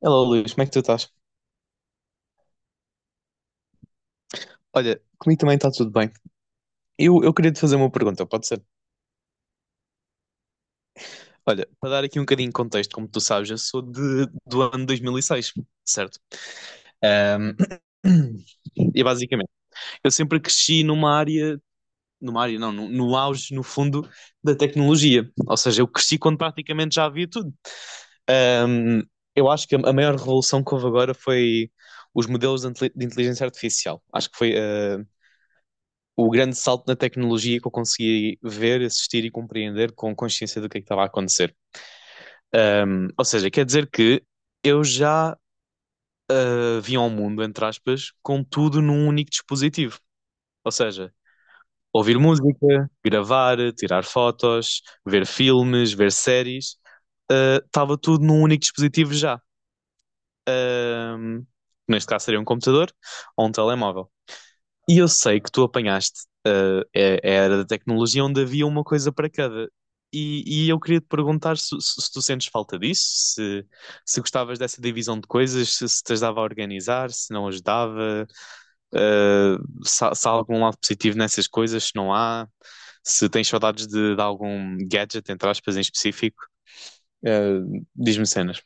Hello, Luís, como é que tu estás? Olha, comigo também está tudo bem. Eu queria te fazer uma pergunta, pode ser? Olha, para dar aqui um bocadinho de contexto, como tu sabes, eu sou de, do ano 2006, certo? Ahm, E basicamente, eu sempre cresci numa área não, no auge, no fundo, da tecnologia. Ou seja, eu cresci quando praticamente já havia tudo. Ahm, eu acho que a maior revolução que houve agora foi os modelos de de inteligência artificial. Acho que foi. O grande salto na tecnologia que eu consegui ver, assistir e compreender com consciência do que é que estava a acontecer. Ou seja, quer dizer que eu já vim ao mundo, entre aspas, com tudo num único dispositivo. Ou seja, ouvir música, gravar, tirar fotos, ver filmes, ver séries, estava tudo num único dispositivo já. Um, neste caso seria um computador ou um telemóvel. E eu sei que tu apanhaste a era da tecnologia onde havia uma coisa para cada. E eu queria te perguntar se tu sentes falta disso, se, se gostavas dessa divisão de coisas, se te ajudava a organizar, se não ajudava, uh, se, se há algum lado positivo nessas coisas, se não há, se tens saudades de algum gadget, entre aspas, em específico, diz-me cenas.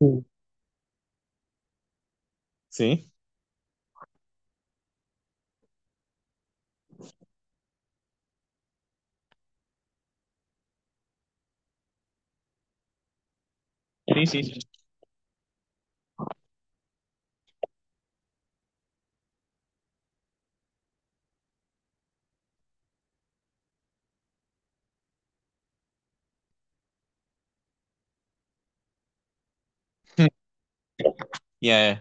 Sim. Sim? Sim, sim, sim. Yeah.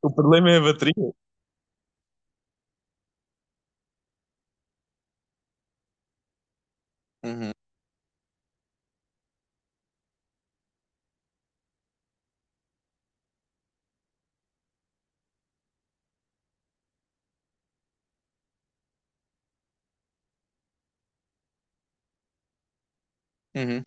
O problema é a bateria. Uhum, uhum,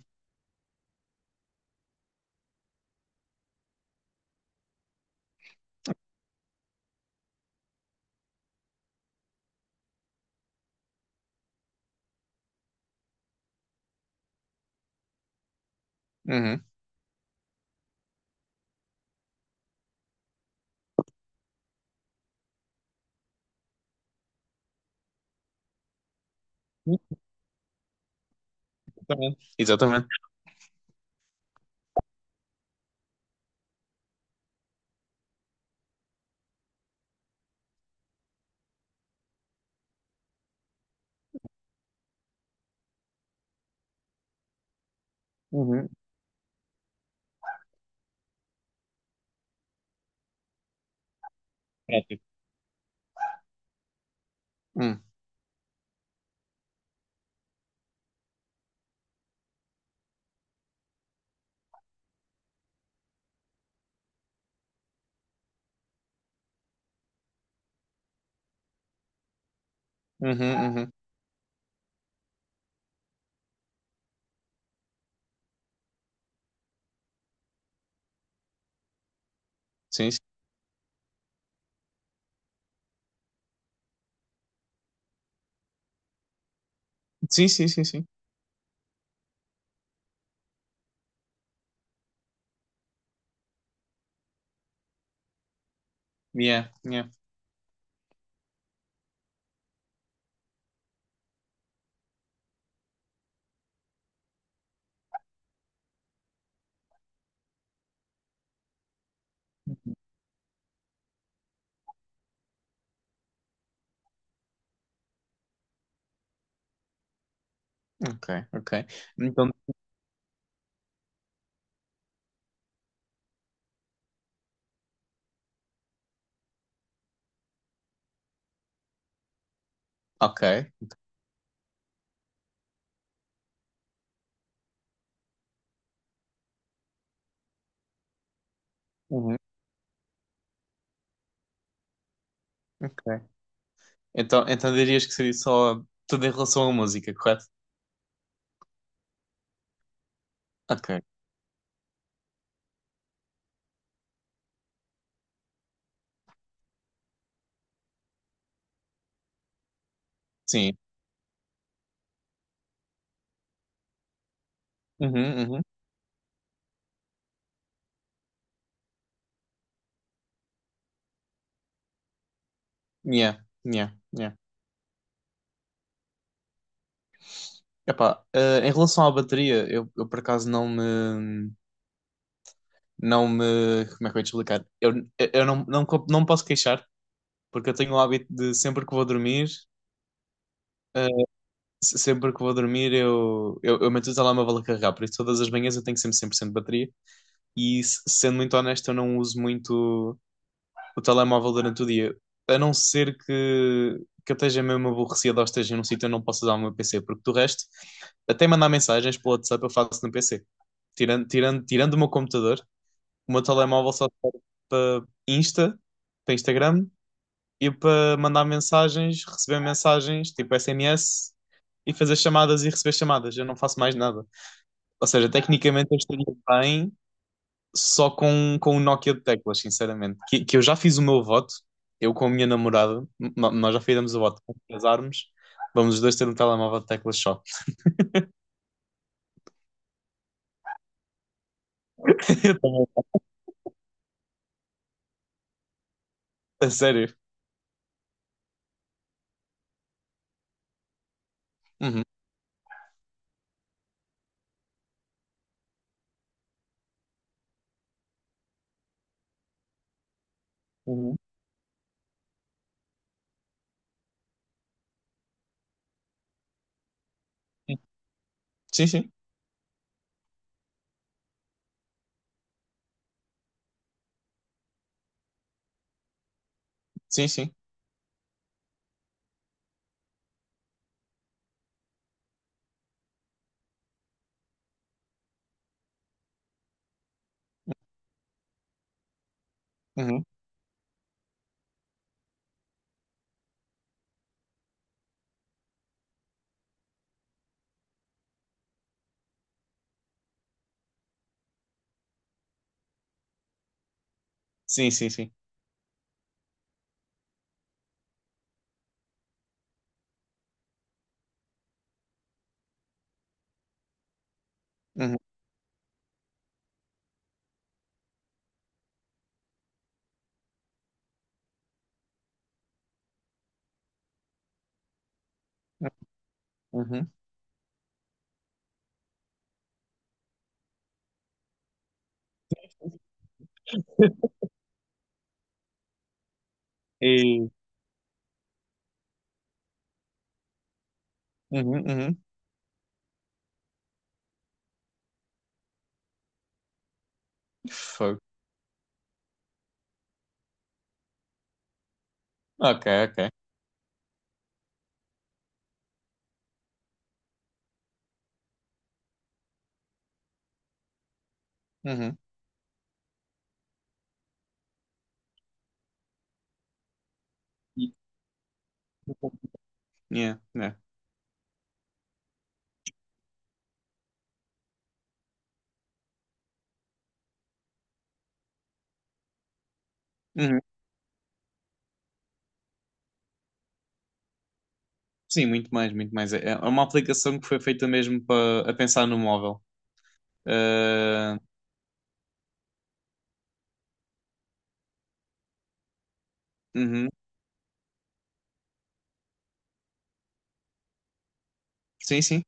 uhum. Exatamente, exatamente. Uhum. Prático. Hum. Uhum, uhum. Sim, sim, sim, sim, sim, sim. Yeah, yeah. Ok, ok. Então, ok. Uhum, ok. Então, então dirias que seria só tudo em relação à música, correto? Ok, sim. Uhum, uhum. Yeah, yeah, yeah. Epá, em relação à bateria, eu por acaso não me, não me, como é que eu ia te explicar? Eu não, não, não me posso queixar, porque eu tenho o hábito de sempre que vou dormir, sempre que vou dormir eu meto o telemóvel a carregar, por isso todas as manhãs eu tenho sempre 100% de bateria e sendo muito honesto eu não uso muito o telemóvel durante o dia, a não ser que eu esteja mesmo aborrecido ou esteja num sítio eu não posso usar o meu PC, porque do resto até mandar mensagens pelo WhatsApp eu faço no PC. Tirando o meu computador, o meu telemóvel só serve para Insta, para Instagram e para mandar mensagens, receber mensagens, tipo SMS, e fazer chamadas e receber chamadas. Eu não faço mais nada. Ou seja, tecnicamente eu estaria bem só com o Nokia de teclas, sinceramente. Que eu já fiz o meu voto, eu com a minha namorada, nós já fizemos o voto quando casarmos. Vamos os dois ter um telemóvel de teclas só. Eu também. A sério. Uhum. Uhum. Sim, sim. Sim, sim. Uhum. Sim, sim, sim. Uhum. Uhum. Uhum. E... Uhum, uhum. Fogo. Ok, ok. Uhum. Yeah, yeah. Uhum. Sim, muito mais, muito mais. É é uma aplicação que foi feita mesmo para a pensar no móvel. Ah, uhum. Sim, sim.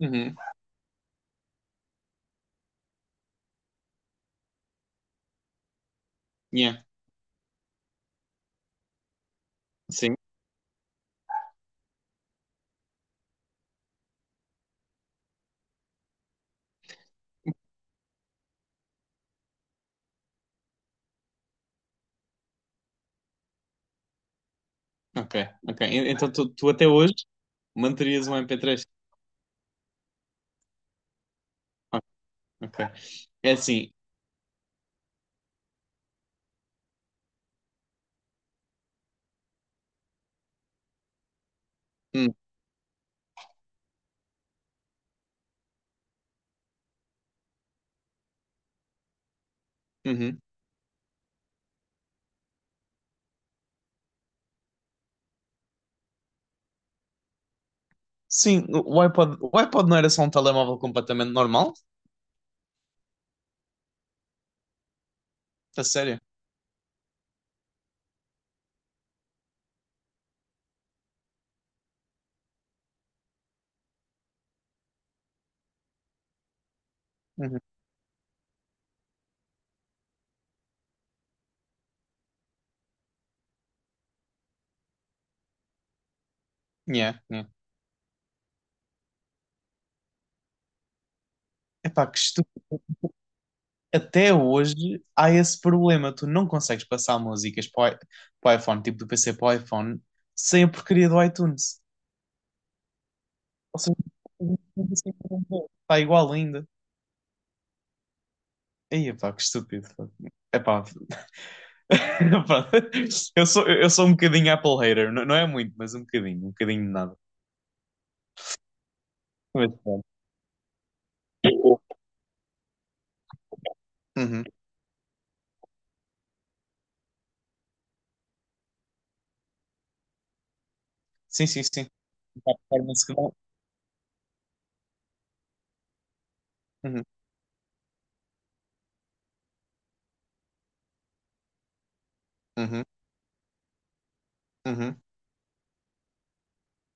Uhum. Yeah. Sim. Ok, ok. Então tu, tu até hoje manterias um MP3? Ok, ok. É assim. Hum, uhum. Sim, o iPod não era só um telemóvel completamente normal? A sério? Uhum. Yeah, yeah. Epá, que até hoje há esse problema. Tu não consegues passar músicas para o para o iPhone, tipo do PC para o iPhone, sem a porcaria do iTunes. Ou seja, está igual ainda. Aí, pá, que estúpido, pá. Epá, pá, eu sou um bocadinho Apple hater, não, não é muito, mas um bocadinho de nada. Mas pronto. Uhum. Sim, sim, sim. Tá, performance que dá. Uhum, uhum, uhum.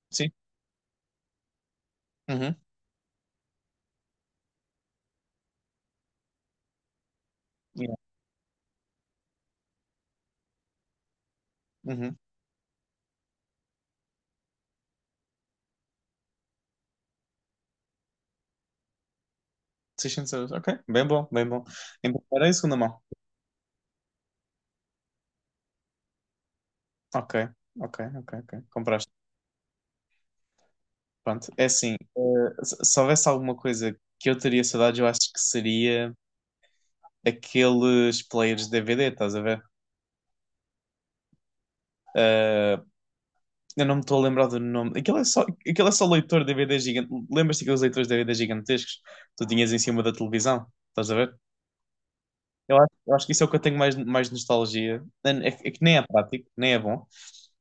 Sim. Uhum. Yeah. Uhum. 600€. Ok, bem bom, bem bom. Em primeira e segunda mão. Ok, ok, ok, ok. Compraste. Pronto. É assim, se se houvesse alguma coisa que eu teria saudades, eu acho que seria aqueles players de DVD, estás a ver? Eh, eu não me estou a lembrar do nome. Aquilo é só leitor de DVD gigante. Lembras-te daqueles leitores de DVD gigantescos que tu tinhas em cima da televisão? Estás a ver? Eu acho que isso é o que eu tenho mais, mais nostalgia. É, é que nem é prático, nem é bom,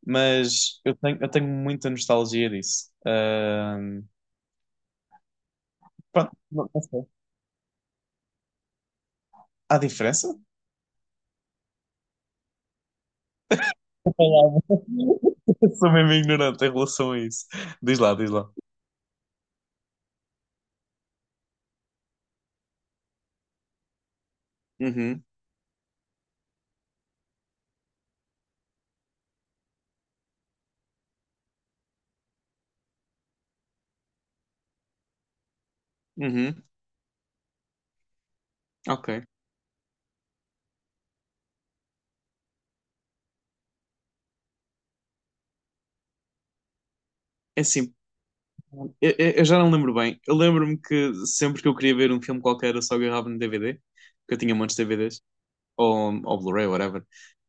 mas eu tenho muita nostalgia disso. Pronto, não não sei. Há diferença? Olá, sou mesmo ignorante em relação a isso. Diz lá, diz lá. Uhum, uhum, ok. É assim, eu já não lembro bem. Eu lembro-me que sempre que eu queria ver um filme qualquer, eu só agarrava no DVD, porque eu tinha montes de DVDs, ou Blu-ray, whatever.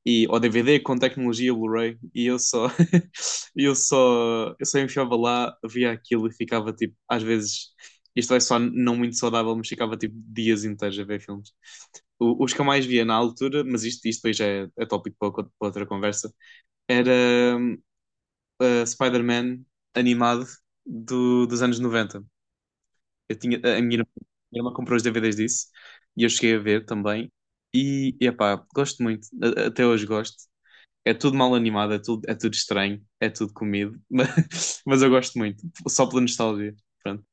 E, ou DVD com tecnologia Blu-ray, e eu só, eu só enfiava lá, via aquilo e ficava tipo, às vezes, isto é só não muito saudável, mas ficava tipo dias inteiros a ver filmes. Os que eu mais via na altura, mas isto depois já é, é tópico para, para outra conversa, era a Spider-Man animado dos anos 90. Eu tinha, a minha irmã comprou os DVDs disso e eu cheguei a ver também. E, epá, gosto muito, até hoje gosto. É tudo mal animado, é tudo estranho, é tudo comido, mas eu gosto muito, só pela nostalgia. Pronto.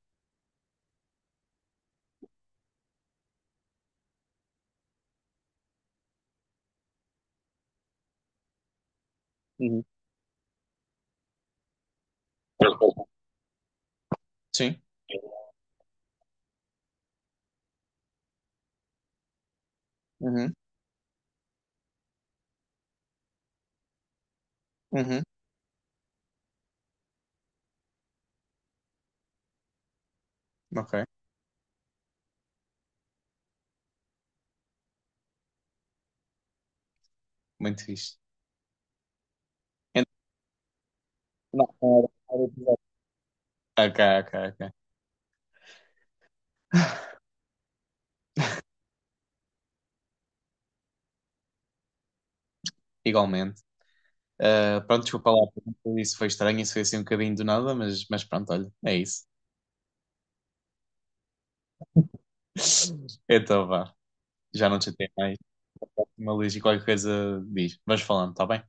Uhum, sim, uhum, uhum, ok, muito fixe. Então, não, não era episódio. Ok, ok. Igualmente. Pronto, desculpa lá, isso foi estranho, isso foi assim um bocadinho do nada, mas pronto, olha, é isso. Então vá, já não te tenho mais. Uma luz e qualquer coisa diz. Vamos falando, tá bem?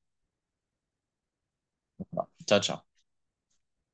Vá, tchau, tchau.